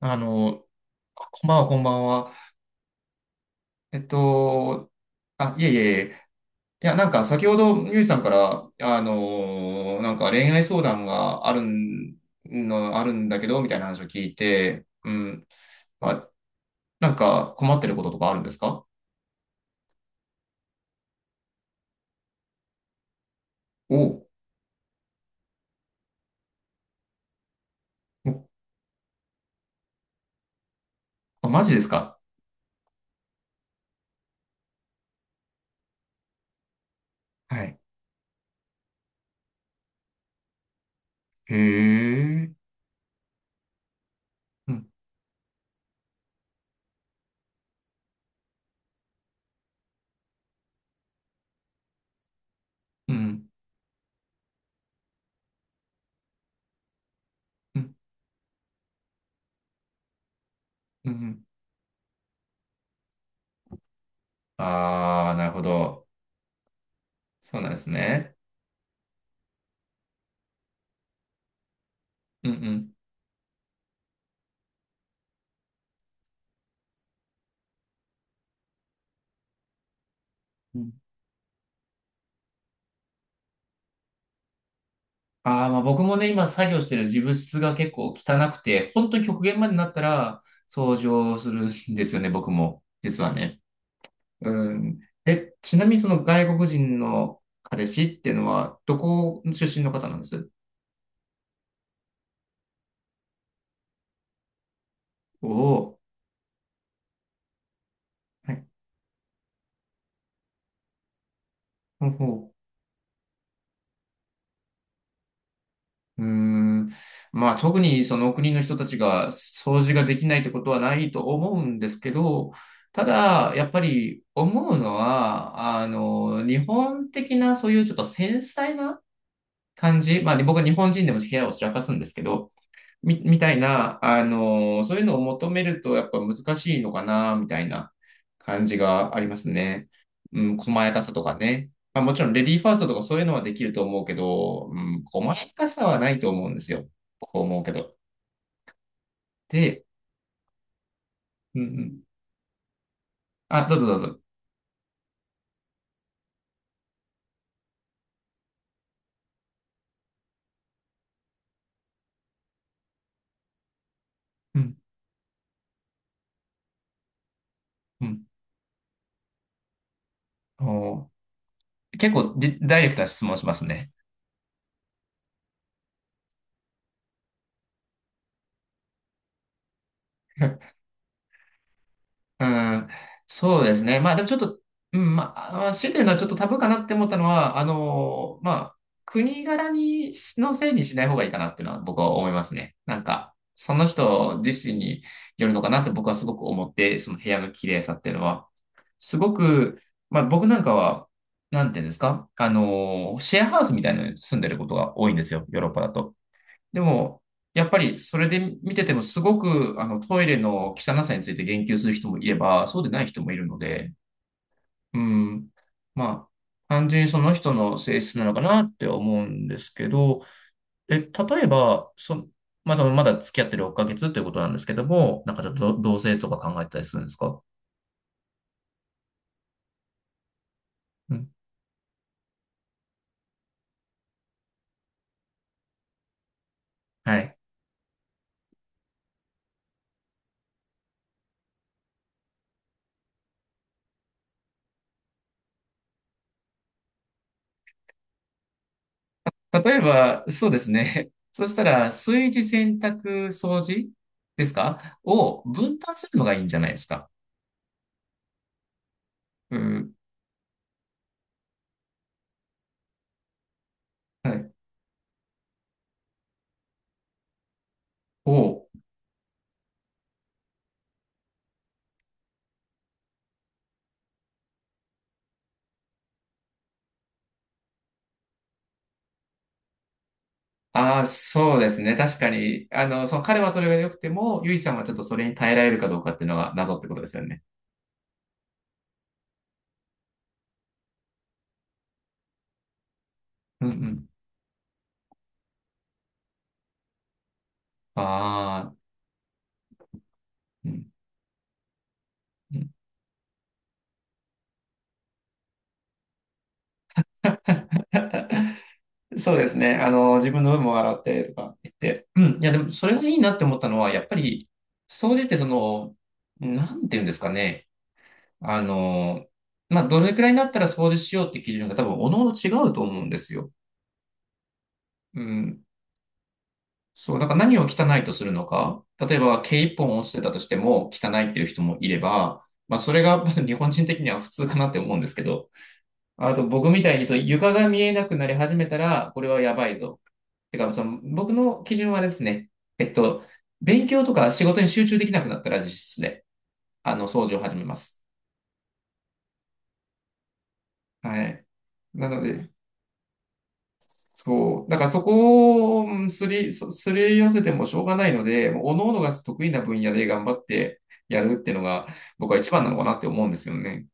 あの、こんばんは、こんばんは。えっと、あ、いえいえいえ。いや、なんか先ほど、ミュージさんから、なんか恋愛相談があるん、の、あるんだけど、みたいな話を聞いて、うん。まあ、なんか困ってることとかあるんですか？おうお、あ、マジですか？はい。へえ。うん、うん、うん、うん。うん、あー、なるほど。そうなんですね。うん、うん。ああ、まあ僕もね、今作業してる自分室が結構汚くて、本当に極限までなったら掃除をするんですよね、僕も。実はね。うん。え、ちなみにその外国人の彼氏っていうのは、どこ出身の方なんです？おおー。はい。ほうほう。うーん。まあ特にその国の人たちが掃除ができないってことはないと思うんですけど、ただ、やっぱり思うのは、日本的なそういうちょっと繊細な感じ、まあ、僕は日本人でも部屋を散らかすんですけど、みたいな、そういうのを求めるとやっぱ難しいのかな、みたいな感じがありますね。うん、細やかさとかね。まあ、もちろんレディーファーストとかそういうのはできると思うけど、うん、細やかさはないと思うんですよ。こう思うけど。で、うんうん。あ、どうぞどうぞ。うん、うん。おー、結構じダイレクトな質問しますね。うん、そうですね。まあでもちょっと、うん、まあ、あ、強いて言うのはちょっとタブーかなって思ったのは、まあ、国柄にのせいにしない方がいいかなっていうのは僕は思いますね。なんか、その人自身によるのかなって僕はすごく思って、その部屋の綺麗さっていうのは。すごく、まあ僕なんかは、なんていうんですか、シェアハウスみたいなのに住んでることが多いんですよ、ヨーロッパだと。でも、やっぱりそれで見ててもすごくトイレの汚さについて言及する人もいれば、そうでない人もいるので、うん、まあ、単純にその人の性質なのかなって思うんですけど、え、例えば、まあ、そのまだ付き合ってる6ヶ月ということなんですけども、なんかちょっと同性とか考えてたりするんですか？うん。はい。例えば、そうですね。そしたら、炊事、洗濯、掃除ですかを分担するのがいいんじゃないですか？うん。はい、おう。ああ、そうですね。確かに、その彼はそれが良くても、ユイさんはちょっとそれに耐えられるかどうかっていうのが謎ってことですよね。うんうん。ああ、うん。うん。 そうですね。自分の分も笑ってとか言って。うん。いや、でも、それがいいなって思ったのは、やっぱり、総じてその、なんていうんですかね。あの、まあ、どれくらいになったら掃除しようって基準が多分、おのおの違うと思うんですよ。うん。そう、だから何を汚いとするのか。例えば、毛一本落ちてたとしても汚いっていう人もいれば、まあ、それがまず日本人的には普通かなって思うんですけど、あと僕みたいにそう床が見えなくなり始めたら、これはやばいぞ。てか、その僕の基準はあれですね。えっと、勉強とか仕事に集中できなくなったら実質で、掃除を始めます。はい。なので、そう。だからそこをうんすり、そすり寄せてもしょうがないので、もう各々が得意な分野で頑張ってやるっていうのが僕は一番なのかなって思うんですよね。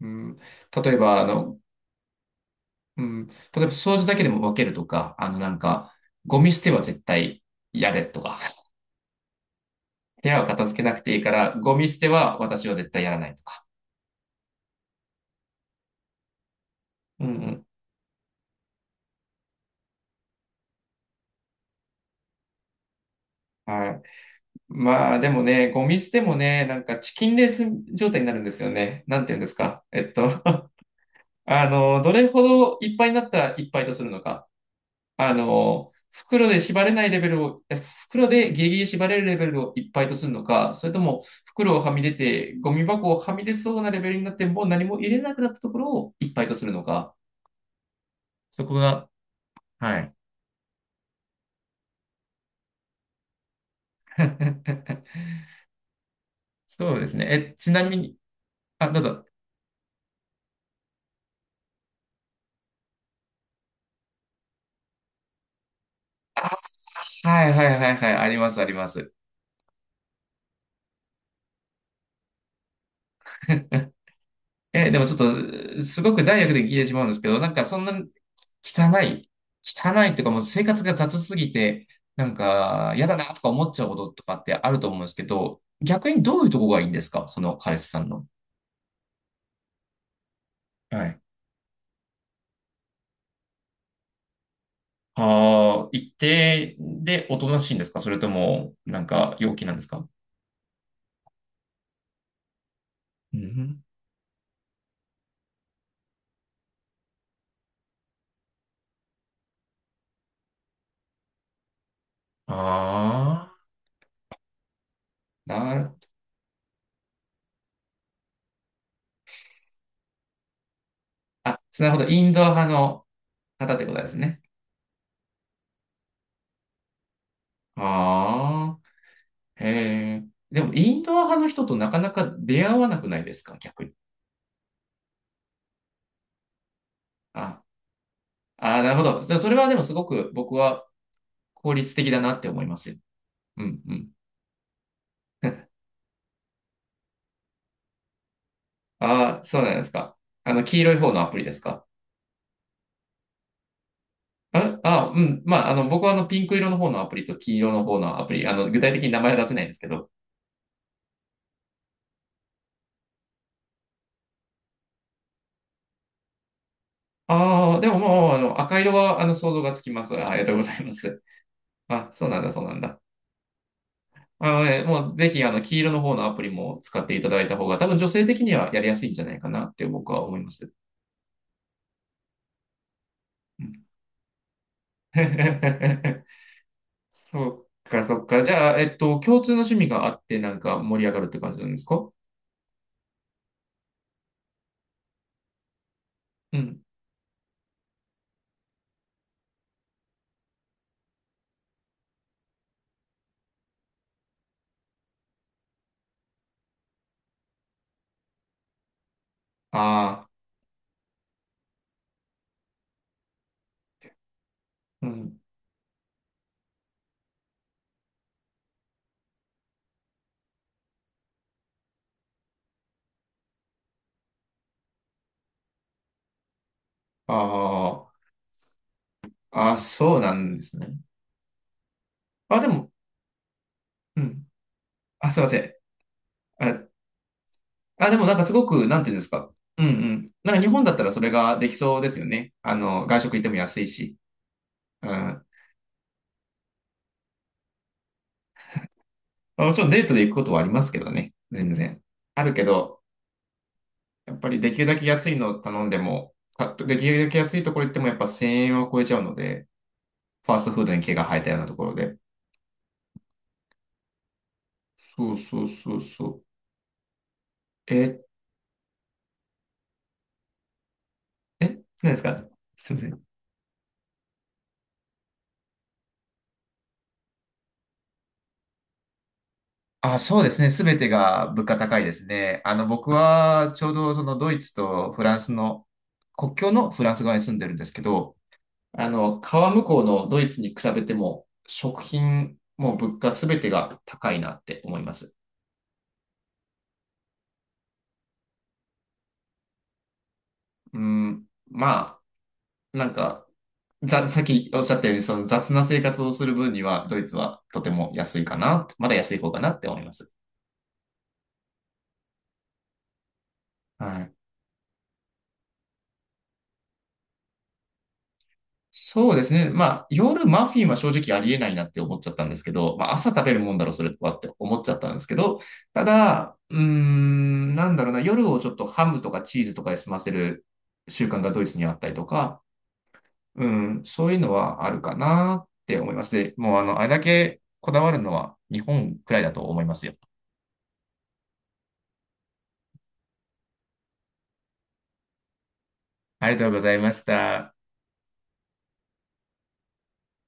うん、例えば、あの、うん、例えば掃除だけでも分けるとか、なんか、ゴミ捨ては絶対やれとか、部屋は片付けなくていいから、ゴミ捨ては私は絶対やらないとか。うんうん。はい。まあでもね、ゴミ捨てもね、なんかチキンレース状態になるんですよね。なんて言うんですか。どれほどいっぱいになったらいっぱいとするのか。袋で縛れないレベルを、え袋でギリギリ縛れるレベルをいっぱいとするのか、それとも袋をはみ出て、ゴミ箱をはみ出そうなレベルになって、もう何も入れなくなったところをいっぱいとするのか。そこが、はい。そうですね。え、ちなみに、あ、どうぞ。あ、はいはいはいはい、ありますあります。え、でもちょっと、すごくダイレクトに聞いてしまうんですけど、なんかそんな汚い。汚いっていうか、もう生活が雑すぎて、なんか、嫌だなとか思っちゃうこととかってあると思うんですけど、逆にどういうとこがいいんですか？その彼氏さんの。はい。ああ、一定でおとなしいんですか？それとも、なんか、陽気なんですか？うん。ああ、なる、あ、なるほど。インドア派の方ってことですね。ああ、へえ。でも、インドア派の人となかなか出会わなくないですか？逆に。あああ、なるほど。それはでもすごく僕は効率的だなって思いますよ。うんうん。ああ、そうなんですか。黄色い方のアプリですか？ああ、うん。まあ、僕はピンク色の方のアプリと黄色の方のアプリ、具体的に名前は出せないんですけど。ああ、でももう、赤色は、想像がつきます。ありがとうございます。あ、そうなんだ、そうなんだ。あのね、もう、ぜひ、黄色の方のアプリも使っていただいた方が、多分女性的にはやりやすいんじゃないかなって僕は思います。うん。 そっか、そっか。じゃあ、共通の趣味があって、なんか盛り上がるって感じなんですか？うん。ああ、うん。ああ、あ、そうなんですね。あ、でも、うん。あ、すいません。あ、あ、でもなんかすごく、なんていうんですか。うんうん。なんか日本だったらそれができそうですよね。外食行っても安いし。うん。まあもちろんデートで行くことはありますけどね。全然。あるけど、やっぱりできるだけ安いのを頼んでも、できるだけ安いところ行ってもやっぱ1000円は超えちゃうので、ファーストフードに毛が生えたようなところで。そうそうそうそう。え、え、何ですか？すみません。あ、そうですね。すべてが物価高いですね。僕はちょうどそのドイツとフランスの、国境のフランス側に住んでるんですけど、川向こうのドイツに比べても、食品、も物価すべてが高いなって思います。うん、まあ、なんか、さっきおっしゃったように、その雑な生活をする分には、ドイツはとても安いかな、まだ安い方かなって思います。はい。そうですね。まあ、夜マフィンは正直ありえないなって思っちゃったんですけど、まあ、朝食べるもんだろ、それはって思っちゃったんですけど、ただ、うーん、なんだろうな、夜をちょっとハムとかチーズとかで済ませる習慣がドイツにあったりとか、うん、そういうのはあるかなって思います。で、もうあれだけこだわるのは日本くらいだと思いますよ。ありがとうございました。